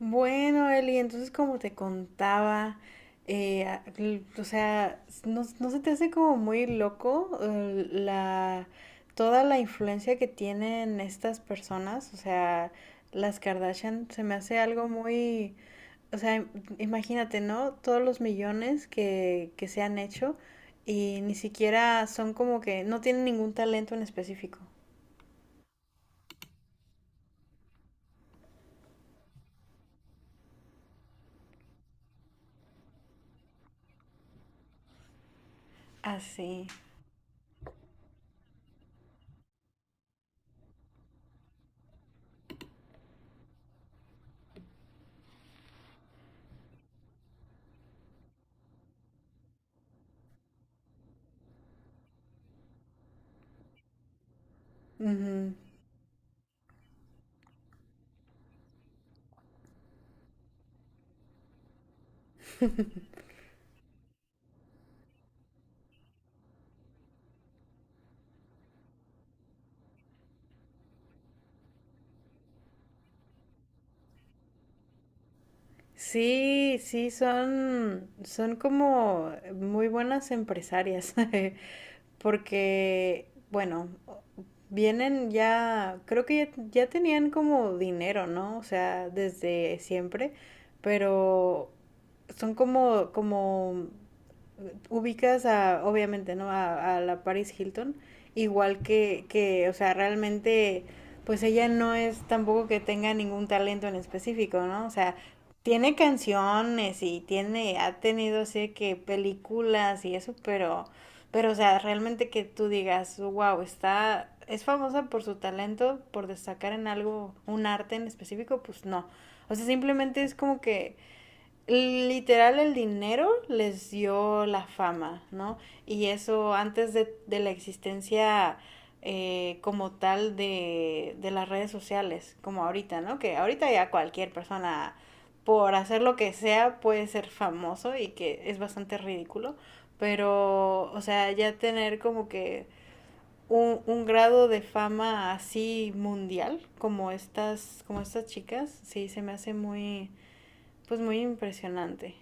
Bueno, Eli, entonces como te contaba, o sea, ¿No se te hace como muy loco, toda la influencia que tienen estas personas? O sea, las Kardashian se me hace algo muy, o sea, imagínate, ¿no? Todos los millones que se han hecho y ni siquiera son como que no tienen ningún talento en específico. Así. Sí, sí, son como muy buenas empresarias, porque, bueno, vienen ya, creo que ya tenían como dinero, ¿no? O sea, desde siempre, pero son como ubicas a, obviamente, ¿no? A la Paris Hilton, igual que, o sea, realmente, pues ella no es tampoco que tenga ningún talento en específico, ¿no? O sea, tiene canciones y tiene, ha tenido, sé que películas y eso, pero, o sea, realmente que tú digas, wow, está, es famosa por su talento, por destacar en algo, un arte en específico, pues no. O sea, simplemente es como que literal, el dinero les dio la fama, ¿no? Y eso antes de la existencia, como tal de las redes sociales, como ahorita, ¿no? Que ahorita ya cualquier persona, por hacer lo que sea, puede ser famoso y que es bastante ridículo, pero, o sea, ya tener como que un grado de fama así mundial, como estas chicas, sí, se me hace muy, pues muy impresionante.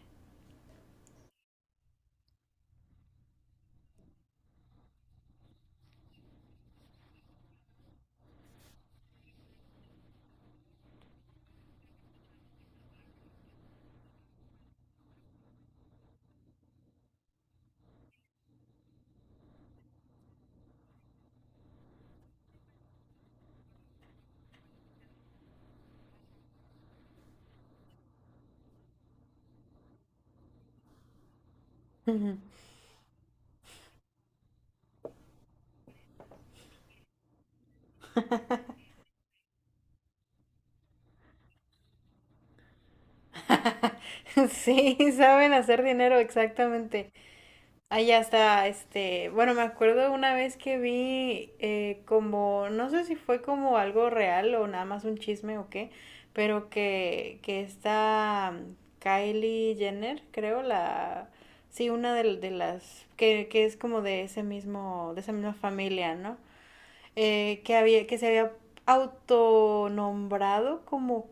Ujú. Sí, saben hacer dinero, exactamente. Allá está, este, bueno, me acuerdo una vez que vi, como, no sé si fue como algo real o nada más un chisme o qué, pero que esta, Kylie Jenner, creo, la, sí, una de las, que es como de ese mismo, de esa misma familia, ¿no? Que había, que se había autonombrado como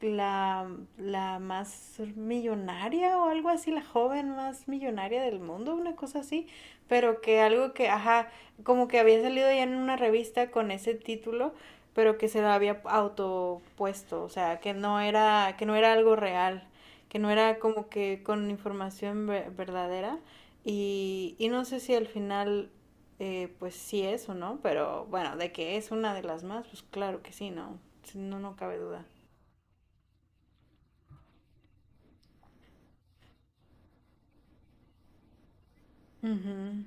la, la más millonaria o algo así, la joven más millonaria del mundo, una cosa así, pero que algo que, ajá, como que había salido ya en una revista con ese título, pero que se lo había autopuesto, o sea, que no era algo real, que no era como que con información verdadera. Y no sé si al final, pues sí eso, ¿no? Pero bueno, de que es una de las más, pues claro que sí, ¿no? Sí. No, no cabe duda. Ujú.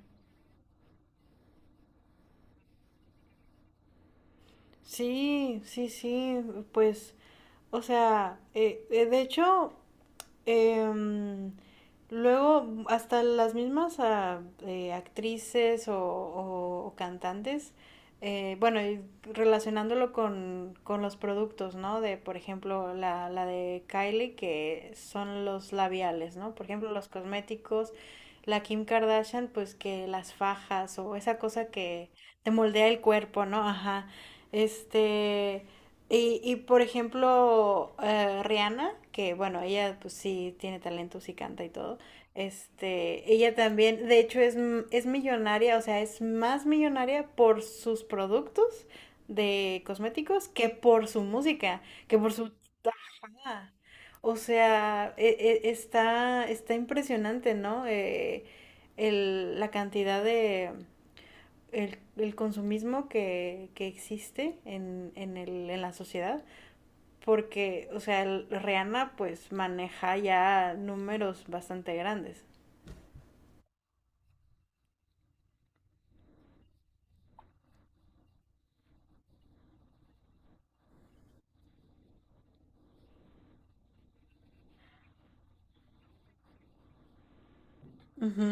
Sí, sí, sí, pues, o sea, de hecho, Em, luego, hasta las mismas, actrices o, o cantantes, bueno, y relacionándolo con los productos, ¿no? De, por ejemplo, la, de Kylie, que son los labiales, ¿no? Por ejemplo, los cosméticos, la Kim Kardashian, pues que las fajas o esa cosa que te moldea el cuerpo, ¿no? Ajá. Este. Y por ejemplo, Rihanna, que bueno, ella pues sí tiene talento, sí canta y todo. Este, ella también, de hecho, es, es millonaria, o sea, es más millonaria por sus productos de cosméticos que por su música, que por su... Ajá. O sea, está impresionante, ¿no? La cantidad de... El consumismo que existe en, en la sociedad. Porque, o sea, Rihanna pues maneja ya números bastante grandes. Ujú,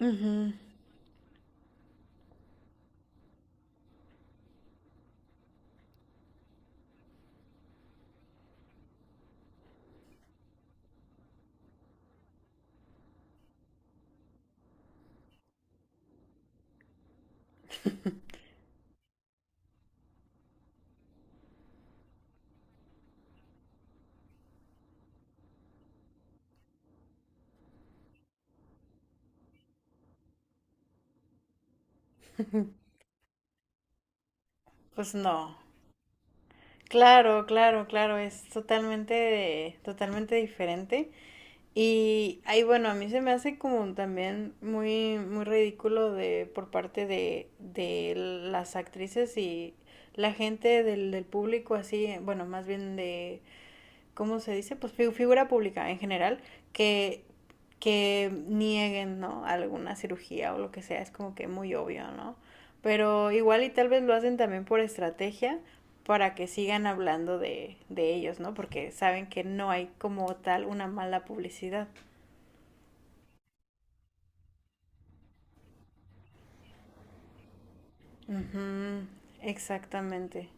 ujú. Pues no. Claro, claro, claro, es totalmente, totalmente diferente. Y ahí, bueno, a mí se me hace como también muy, muy ridículo por parte de las actrices y la gente del público así, bueno, más bien de, ¿cómo se dice? Pues figura pública en general, que, que nieguen, ¿no? Alguna cirugía o lo que sea, es como que muy obvio, ¿no? Pero igual y tal vez lo hacen también por estrategia para que sigan hablando de ellos, ¿no? Porque saben que no hay como tal una mala publicidad. Ujú, exactamente.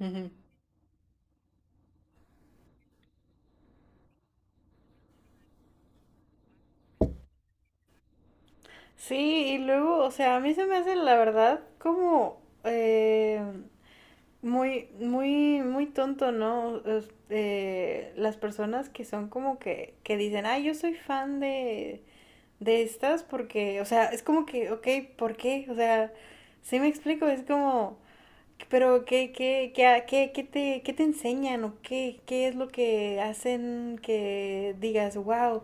Ujú. Sí, y luego, o sea, a mí se me hace la verdad como, muy, muy, muy tonto, ¿no? Las personas que son como que dicen, ay, yo soy fan de estas porque, o sea, es como que, ok, ¿por qué? O sea, sí me explico, es como, pero ¿qué, qué, qué, a- qué, qué te enseñan o qué es lo que hacen que digas, wow,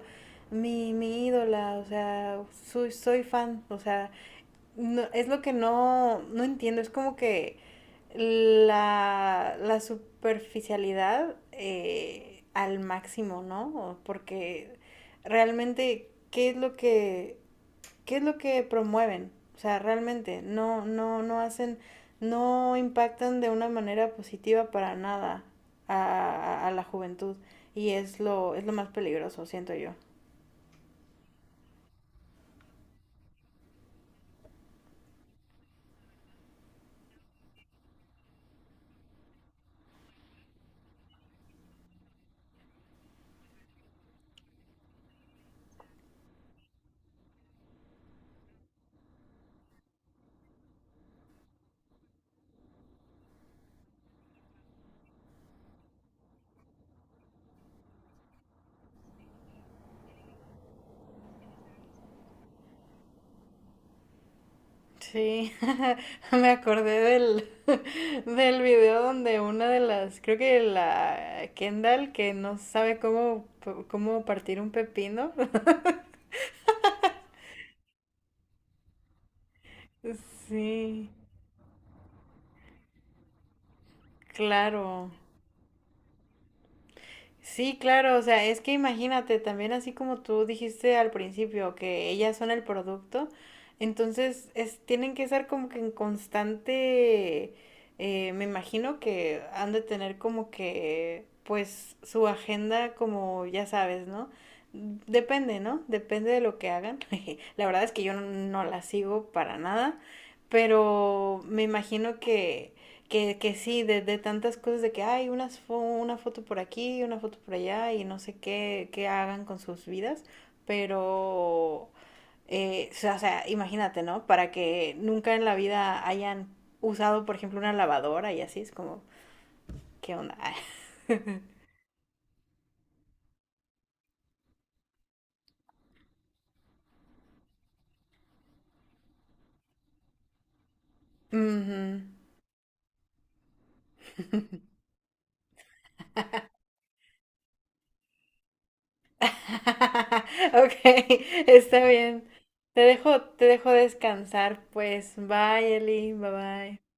mi ídola, o sea, soy fan, o sea, no, es lo que no, no entiendo, es como que la superficialidad, al máximo, ¿no? Porque realmente, ¿qué es lo que promueven? O sea, realmente, no, no, no hacen, no impactan de una manera positiva para nada a la juventud. Y es lo más peligroso, siento yo. Sí, me acordé del, del video donde una de las, creo que la Kendall que no sabe cómo partir un pepino. Sí, claro. Sí, claro, o sea, es que imagínate, también así como tú dijiste al principio, que ellas son el producto, entonces es, tienen que estar como que en constante, me imagino que han de tener como que, pues, su agenda como, ya sabes, ¿no? Depende, ¿no? Depende de lo que hagan. La verdad es que yo no, no la sigo para nada, pero me imagino que sí, de tantas cosas de que hay unas una foto por aquí, una foto por allá y no sé qué hagan con sus vidas, pero, o sea, imagínate, ¿no? Para que nunca en la vida hayan usado, por ejemplo, una lavadora y así, es como, ¿qué onda? Ujú. Ok, está bien. Te dejo descansar, pues. Bye, Eli. Bye bye.